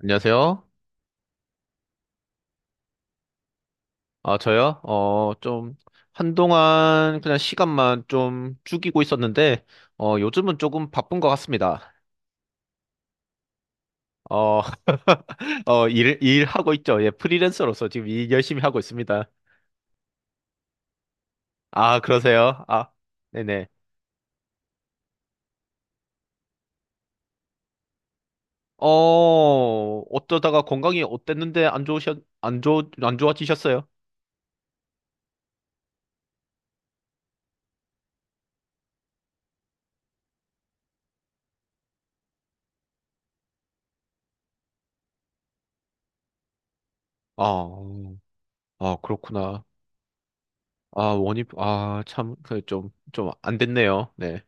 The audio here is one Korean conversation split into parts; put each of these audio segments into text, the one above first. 안녕하세요. 아, 저요? 한동안 그냥 시간만 좀 죽이고 있었는데, 요즘은 조금 바쁜 것 같습니다. 어, 일하고 있죠. 예, 프리랜서로서 지금 일 열심히 하고 있습니다. 아, 그러세요? 아, 네네. 어, 어쩌다가 건강이 어땠는데 안 좋으셨, 안 좋, 안 좋아지셨어요? 아, 아, 그렇구나. 아, 참, 좀 안 됐네요. 네.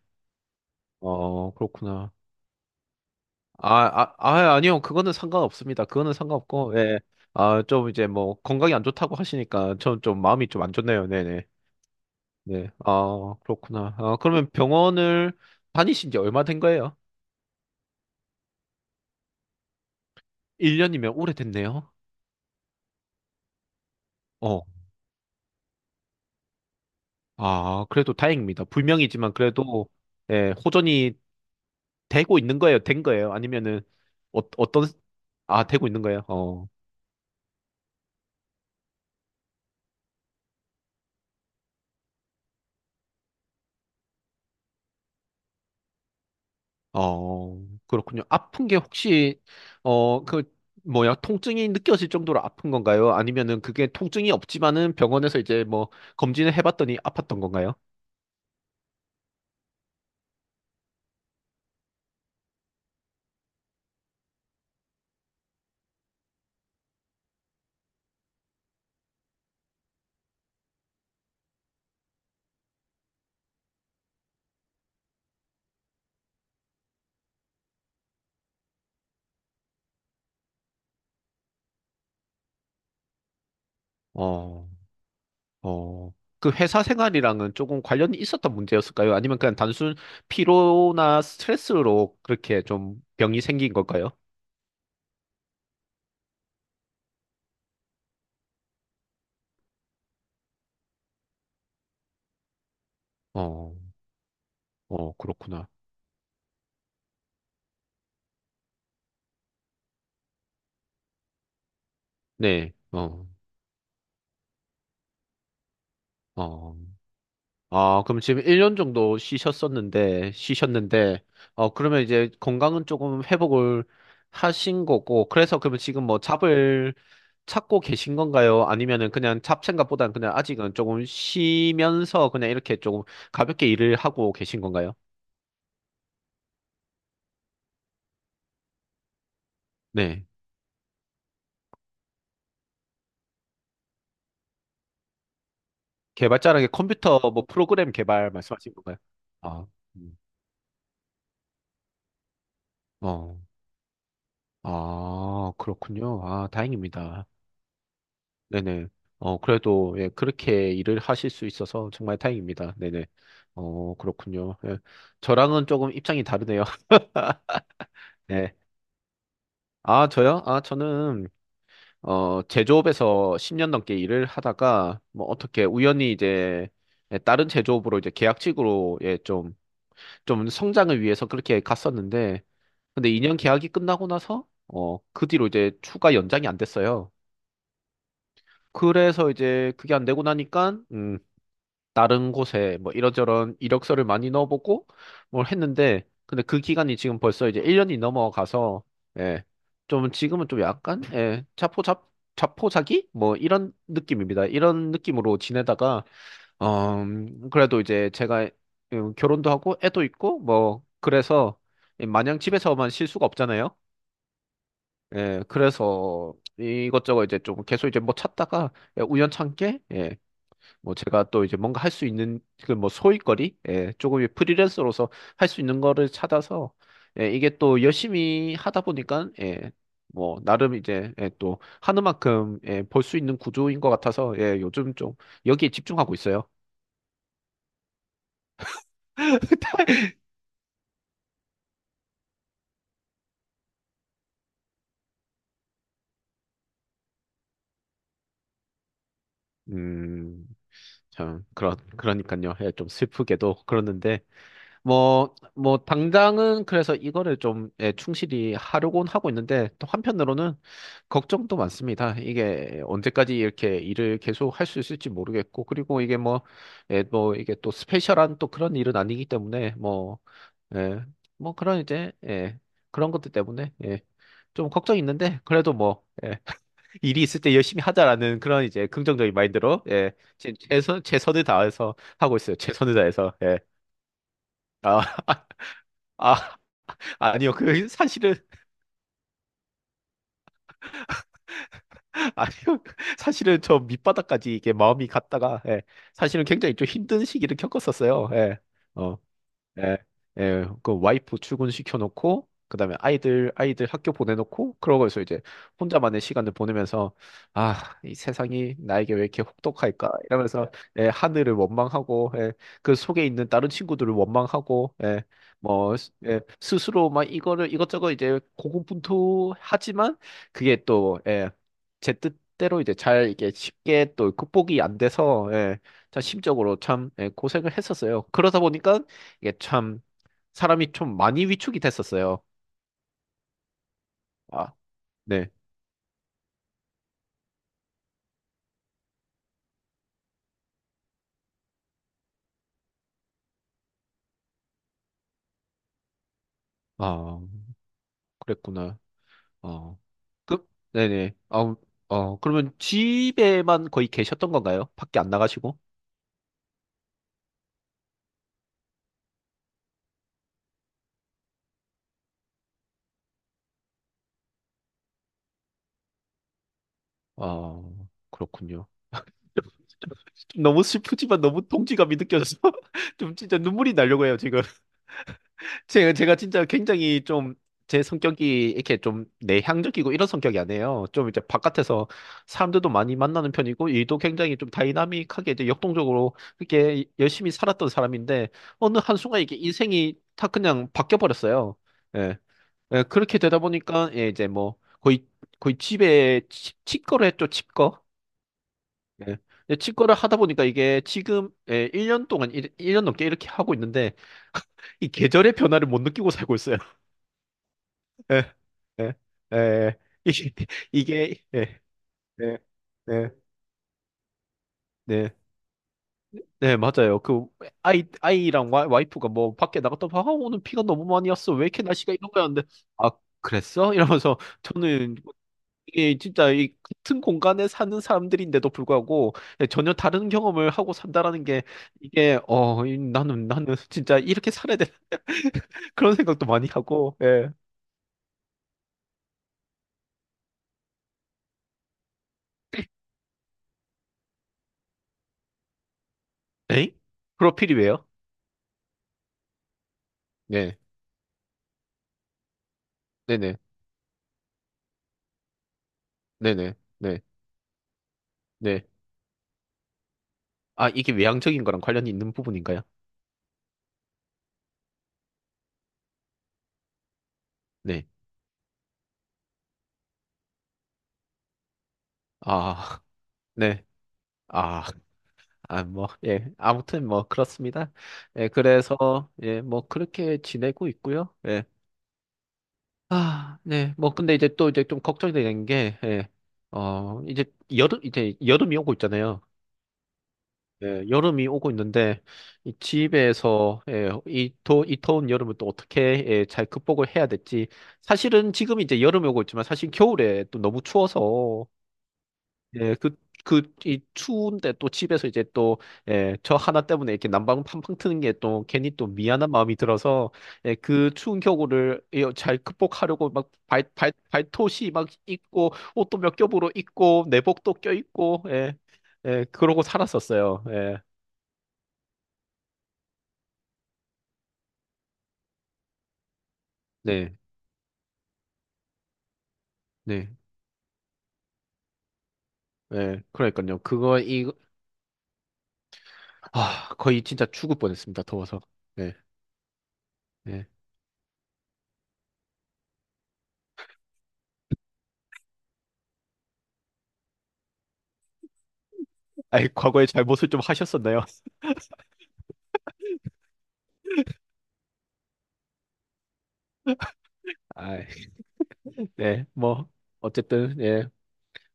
어, 그렇구나. 아니요. 그거는 상관없습니다. 그거는 상관없고, 예. 아, 좀 이제 뭐 건강이 안 좋다고 하시니까 전 좀 마음이 좀 안 좋네요. 네네. 네. 아, 그렇구나. 아, 그러면 병원을 다니신 지 얼마 된 거예요? 1년이면 오래됐네요. 어. 아, 그래도 다행입니다. 불명이지만 그래도, 예, 호전이 되고 있는 거예요? 된 거예요? 어, 어떤, 아, 되고 있는 거예요? 어. 어, 그렇군요. 아픈 게 혹시, 어, 그, 통증이 느껴질 정도로 아픈 건가요? 아니면은 그게 통증이 없지만은 병원에서 이제 뭐 검진을 해봤더니 아팠던 건가요? 어, 어, 그 회사 생활이랑은 조금 관련이 있었던 문제였을까요? 아니면 그냥 단순 피로나 스트레스로 그렇게 좀 병이 생긴 걸까요? 어, 그렇구나. 네, 어, 어. 아, 그럼 지금 1년 정도 쉬셨는데, 그러면 이제 건강은 조금 회복을 하신 거고, 그래서 그러면 지금 뭐 잡을 찾고 계신 건가요? 아니면은 그냥 잡생각보다는 그냥 아직은 조금 쉬면서 그냥 이렇게 조금 가볍게 일을 하고 계신 건가요? 네. 개발자라는 게 컴퓨터 뭐 프로그램 개발 말씀하신 건가요? 아, 음. 어, 아, 그렇군요. 아, 다행입니다. 네네. 그래도, 예, 그렇게 일을 하실 수 있어서 정말 다행입니다. 네네. 어, 그렇군요. 예. 저랑은 조금 입장이 다르네요. 네. 아, 저요? 아, 저는, 제조업에서 10년 넘게 일을 하다가, 뭐, 어떻게 우연히 이제, 예, 다른 제조업으로 이제 계약직으로, 좀 성장을 위해서 그렇게 갔었는데, 근데 2년 계약이 끝나고 나서, 그 뒤로 이제 추가 연장이 안 됐어요. 그래서 이제 그게 안 되고 나니까, 다른 곳에 뭐 이런저런 이력서를 많이 넣어보고 뭘 했는데 근데 그 기간이 지금 벌써 이제 1년이 넘어가서 예. 좀 지금은 좀 약간 자포자기 뭐 이런 느낌입니다. 이런 느낌으로 지내다가 어 그래도 이제 제가 결혼도 하고 애도 있고 뭐 그래서 마냥 집에서만 쉴 수가 없잖아요. 예. 그래서 이것저것 이제 좀 계속 이제 뭐 찾다가 예, 우연찮게 예. 뭐 제가 또 이제 뭔가 할 수 있는 그 뭐 소일거리 예, 조금 프리랜서로서 할 수 있는 거를 찾아서 예, 이게 또 열심히 하다 보니까 예, 뭐 나름 이제 예, 또 하는 만큼 예, 벌 수 있는 구조인 것 같아서 예, 요즘 좀 여기에 집중하고 있어요. 음, 참 그런 그러니까요. 예, 좀 슬프게도 그러는데 뭐, 당장은 그래서 이거를 좀 예, 충실히 하려고는 하고 있는데, 또 한편으로는 걱정도 많습니다. 이게 언제까지 이렇게 일을 계속 할 수 있을지 모르겠고, 그리고 이게 뭐, 예, 뭐, 이게 또 스페셜한 또 그런 일은 아니기 때문에, 뭐, 예, 뭐 그런 이제, 예, 그런 것들 때문에, 예, 좀 걱정이 있는데, 그래도 뭐, 예, 일이 있을 때 열심히 하자라는 그런 이제 긍정적인 마인드로, 예, 최선을 다해서 하고 있어요. 최선을 다해서, 예. 아, 아. 아니요, 그 사실은 아니요, 사실은 저 밑바닥까지 이게 마음이 갔다가 예, 사실은 굉장히 좀 힘든 시기를 겪었었어요. 예. 어. 예, 예, 그 와이프 출근시켜놓고, 그 다음에 아이들 학교 보내놓고, 그러고서 이제 혼자만의 시간을 보내면서, 아, 이 세상이 나에게 왜 이렇게 혹독할까? 이러면서, 예, 하늘을 원망하고, 예, 그 속에 있는 다른 친구들을 원망하고, 예, 스스로 막 이거를 이것저것 이제 고군분투하지만, 그게 또, 예, 제 뜻대로 이제 잘 이게 쉽게 또 극복이 안 돼서, 예, 참 심적으로 참 예, 고생을 했었어요. 그러다 보니까 이게 참 사람이 좀 많이 위축이 됐었어요. 아, 네. 아, 그랬구나. 어. 네네. 어, 그러면 집에만 거의 계셨던 건가요? 밖에 안 나가시고? 어, 그렇군요. 좀 너무 슬프지만 너무 동지감이 느껴져서 좀 진짜 눈물이 나려고 해요, 지금. 제가 진짜 굉장히 좀 제 성격이 이렇게 좀 내향적이고 이런 성격이 아니에요. 좀 이제 바깥에서 사람들도 많이 만나는 편이고 일도 굉장히 좀 다이나믹하게 이제 역동적으로 이렇게 열심히 살았던 사람인데 어느 한순간 이게 인생이 다 그냥 바뀌어 버렸어요. 예. 예, 그렇게 되다 보니까 예, 이제 뭐 거의 거의 집에 치과를 했죠, 치과. 예. 근데 치과를 하다 보니까 이게 지금 예, 1년 동안 일 1년 넘게 이렇게 하고 있는데 이 계절의 변화를 못 느끼고 살고 있어요. 에, 에, 에, 예, 예, 예, 네, 네, 맞아요. 그, 아이랑 와이프가 뭐, 밖에 나갔다가, 아, 오늘 비가 너무 많이 왔어. 왜 이렇게 날씨가 이런 거였는데 아, 그랬어? 이러면서, 저는, 이게 진짜, 이 같은 공간에 사는 사람들인데도 불구하고, 네, 전혀 다른 경험을 하고 산다라는 게, 나는, 나는 진짜 이렇게 살아야 돼. 그런 생각도 많이 하고, 예. 에잉? 프로필이 왜요? 네, 네네, 네네, 네, 네. 아, 이게 외향적인 거랑 관련이 있는 부분인가요? 네. 아, 네. 아, 아, 뭐, 예. 아무튼 뭐, 그렇습니다. 예, 그래서, 예, 뭐, 그렇게 지내고 있고요. 예. 아, 네. 뭐, 근데 이제 또 이제 좀 걱정이 되는 게, 예. 어, 이제 이제 여름이 오고 있잖아요. 예, 여름이 오고 있는데, 이 집에서, 예, 이 더운 여름을 또 어떻게, 예, 잘 극복을 해야 될지. 사실은 지금 이제 여름이 오고 있지만, 사실 겨울에 또 너무 추워서, 예, 그, 이 추운데 또 집에서 이제 또, 예, 저 하나 때문에 이렇게 난방 팡팡 트는 게 또 괜히 또 미안한 마음이 들어서, 예, 그 추운 겨울을 예, 잘 극복하려고 막 발토시 막 입고, 옷도 몇 겹으로 입고, 내복도 껴입고, 예, 예, 그러고 살았었어요. 예, 네, 네, 예, 그러니까요. 아, 거의 진짜 죽을 뻔했습니다. 더워서. 네, 네. 아이, 과거에 잘못을 좀 하셨었나요? 아이, 네, 뭐, 어쨌든, 예.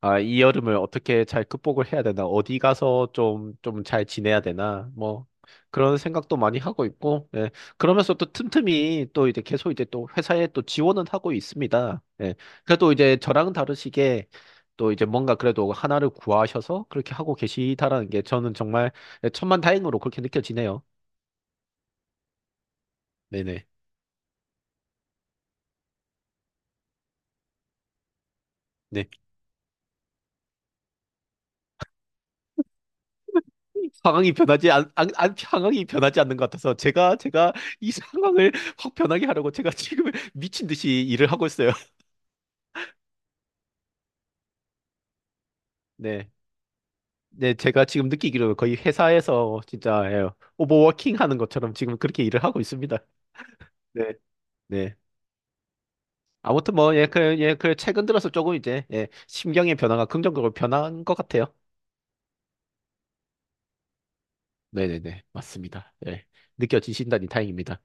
아, 이 여름을 어떻게 잘 극복을 해야 되나, 어디 가서 좀 잘 지내야 되나, 뭐, 그런 생각도 많이 하고 있고, 예. 그러면서 또 틈틈이 또 이제 계속 이제 또 회사에 또 지원은 하고 있습니다. 예. 그래도 이제 저랑 다르시게 또 이제 뭔가 그래도 하나를 구하셔서 그렇게 하고 계시다라는 게 저는 정말 천만다행으로 그렇게 느껴지네요. 네네. 네. 상황이 변하지 않, 안, 안- 상황이 변하지 않는 것 같아서 제가 이 상황을 확 변하게 하려고 제가 지금 미친 듯이 일을 하고 있어요. 네. 네, 제가 지금 느끼기로 거의 회사에서 진짜 예, 오버워킹 하는 것처럼 지금 그렇게 일을 하고 있습니다. 네. 네. 아무튼 뭐 예, 그, 예, 그 최근 들어서 조금 이제 예, 심경의 변화가 긍정적으로 변한 것 같아요. 네네네. 맞습니다. 예. 느껴지신다니 다행입니다.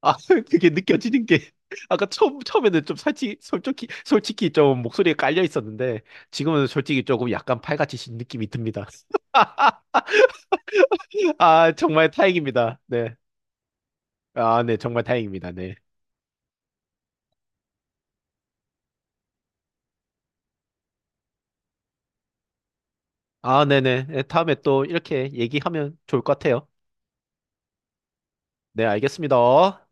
아, 그게 느껴지는 게 아까 처음에는 좀 솔직히 좀 목소리에 깔려 있었는데 지금은 솔직히 조금 약간 팔같이신 느낌이 듭니다. 아, 정말 다행입니다. 네. 아, 네, 정말 다행입니다. 네. 아, 네네. 네, 다음에 또 이렇게 얘기하면 좋을 것 같아요. 네, 알겠습니다.